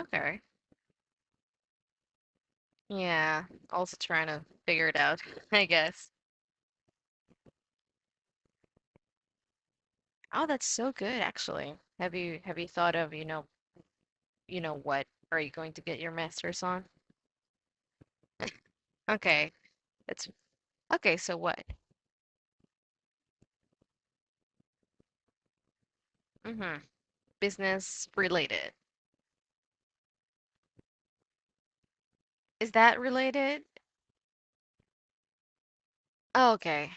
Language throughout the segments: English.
Okay. Yeah. Also trying to figure it out, I guess. Oh, that's so good, actually. Have you thought of, you know what are you going to get your master's on? Okay. That's okay, so what? Mm-hmm. Business related. Is that related? Oh, okay.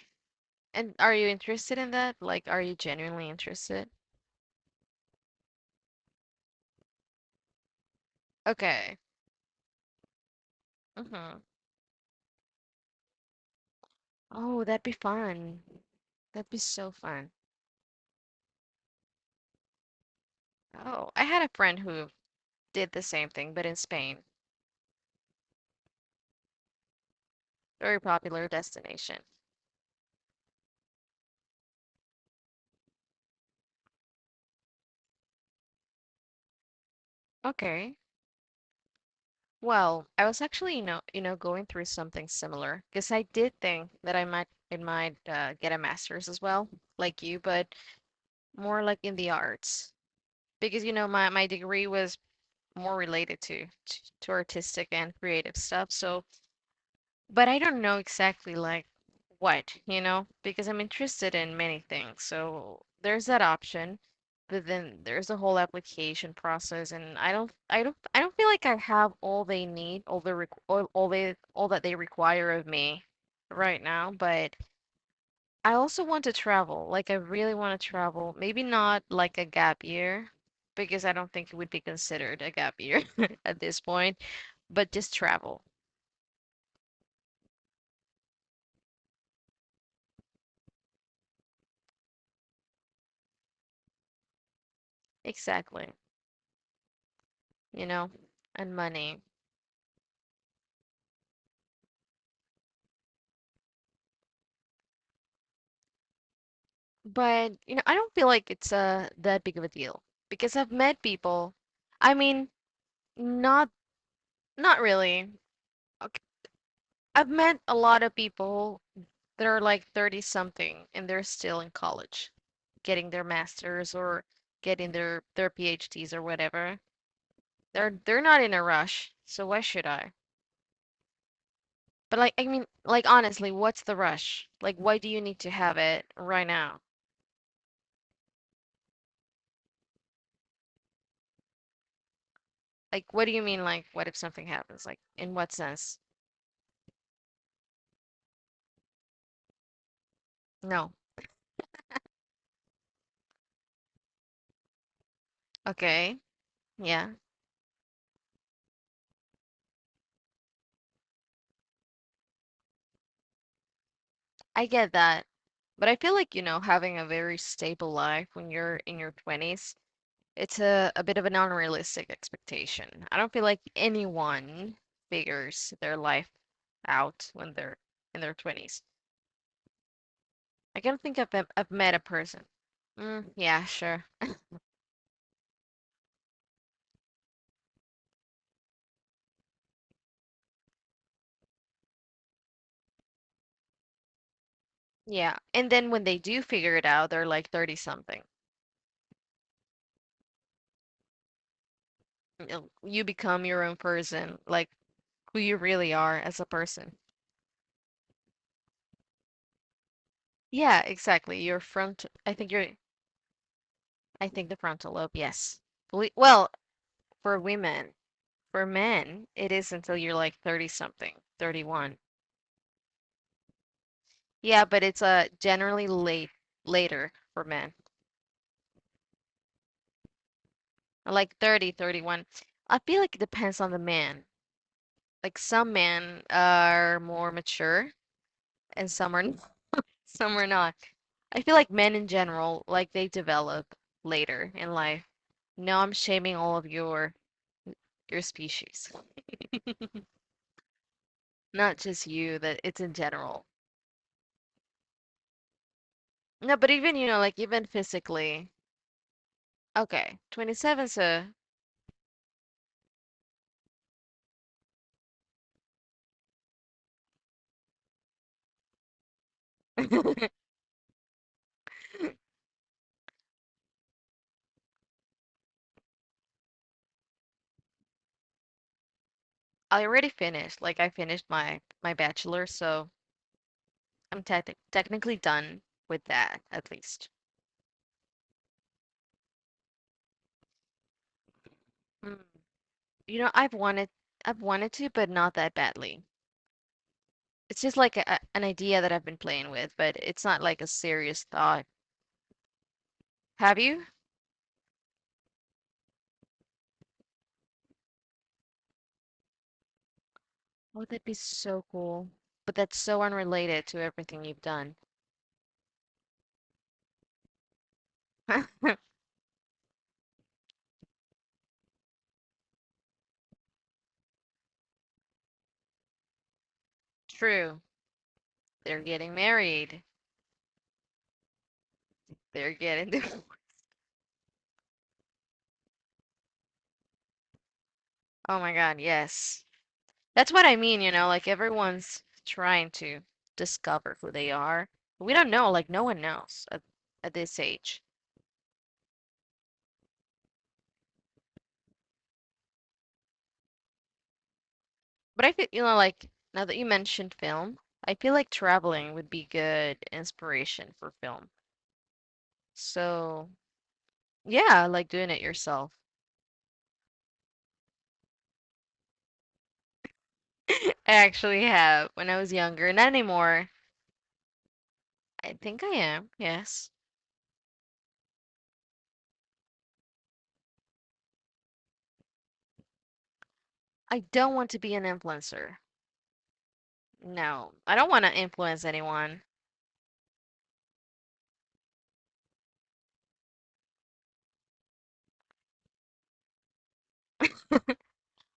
And are you interested in that? Like, are you genuinely interested? Okay. Mm-hmm. Oh, that'd be fun. That'd be so fun. Oh, I had a friend who did the same thing, but in Spain. Very popular destination. Okay. Well, I was actually, going through something similar because I did think that it might get a master's as well, like you, but more like in the arts because my degree was more related to to artistic and creative stuff. So but I don't know exactly like what, because I'm interested in many things. So there's that option, but then there's the whole application process, and I don't feel like I have all they need, all that they require of me right now. But I also want to travel. Like I really want to travel. Maybe not like a gap year. Because I don't think it would be considered a gap year at this point, but just travel. Exactly. You know, and money. But, I don't feel like it's that big of a deal because I've met people. I mean, not really. Okay. I've met a lot of people that are like 30 something and they're still in college, getting their masters or getting their PhDs or whatever. They're not in a rush, so why should I? But like, I mean, like honestly, what's the rush? Like, why do you need to have it right now? Like, what do you mean? Like, what if something happens? Like, in what sense? No. Okay. Yeah, I get that. But I feel like, having a very stable life when you're in your 20s, it's a bit of an unrealistic expectation. I don't feel like anyone figures their life out when they're in their 20s. I can't think of I've met a person. Mm, yeah, sure. Yeah. And then when they do figure it out, they're like 30 something. You know, you become your own person. Like, who you really are as a person. Yeah, exactly. I think the frontal lobe, yes. Well, for women, for men, it is until you're like 30 something, 31. Yeah, but it's generally later for men. Like 30, 31. I feel like it depends on the man. Like some men are more mature and some are not- some are not. I feel like men in general, like they develop later in life. No, I'm shaming all of your species, not just you, that it's in general. No, but even, like even physically. Okay, 27, so I already finished. Like I finished my bachelor, so I'm technically done with that at least. Mm. You know, I've wanted to, but not that badly. It's just like an idea that I've been playing with, but it's not like a serious thought. Have you? Oh, that'd be so cool. But that's so unrelated to everything you've done. True. They're getting married. They're getting divorced. Oh my God, yes. That's what I mean, like everyone's trying to discover who they are. We don't know, like no one knows at this age. But I feel, like now that you mentioned film, I feel like traveling would be good inspiration for film. So, yeah, I like doing it yourself. I actually have when I was younger, not anymore. I think I am, yes. I don't want to be an influencer. No, I don't want to influence anyone.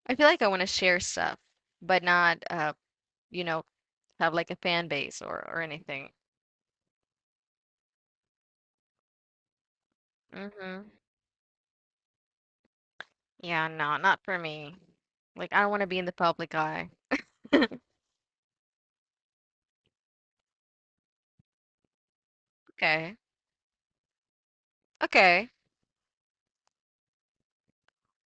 I feel like I want to share stuff, but not you know, have like a fan base or anything. Mm-hmm. Yeah, no, not for me. Like I don't want to be in the public eye. Okay. Okay.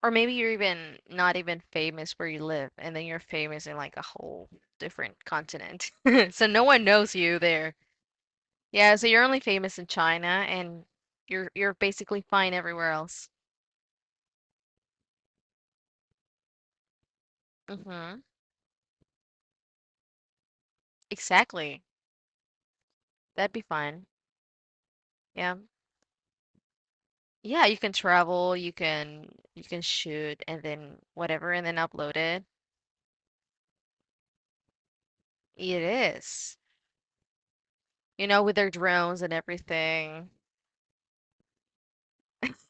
Or maybe you're even not even famous where you live, and then you're famous in like a whole different continent. So no one knows you there. Yeah, so you're only famous in China and you're basically fine everywhere else. Mm-hmm. Exactly. That'd be fun. Yeah. Yeah, you can travel, you can shoot and then whatever and then upload it. It is. You know, with their drones and everything.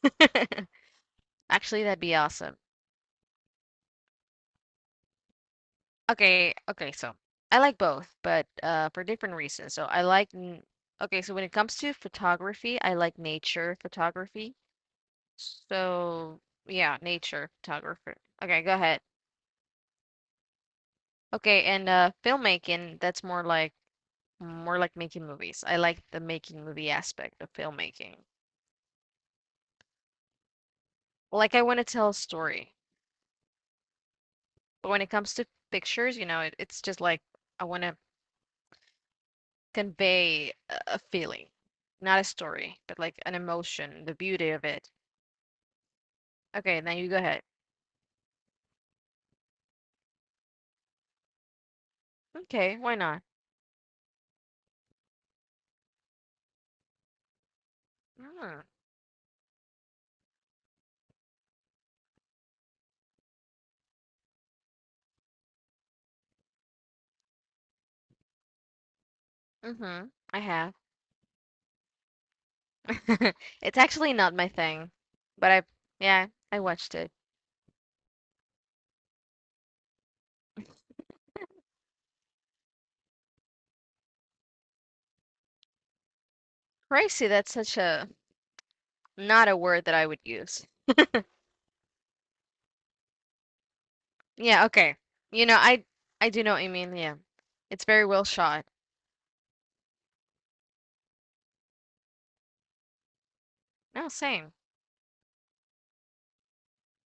Actually, that'd be awesome. Okay, okay, so I like both, but for different reasons. So okay, so when it comes to photography, I like nature photography. So, yeah, nature photographer. Okay, go ahead. Okay, and filmmaking, that's more like making movies. I like the making movie aspect of filmmaking. Like I want to tell a story. But when it comes to pictures, it's just like I want to convey a feeling, not a story, but like an emotion, the beauty of it. Okay, now you go ahead. Okay, why not? Mm, mm-hmm. I have. It's actually not my thing, but I yeah, I watched it. Crazy, that's such a not a word that I would use. Yeah, okay. You know, I do know what you mean. Yeah. It's very well shot. No, same.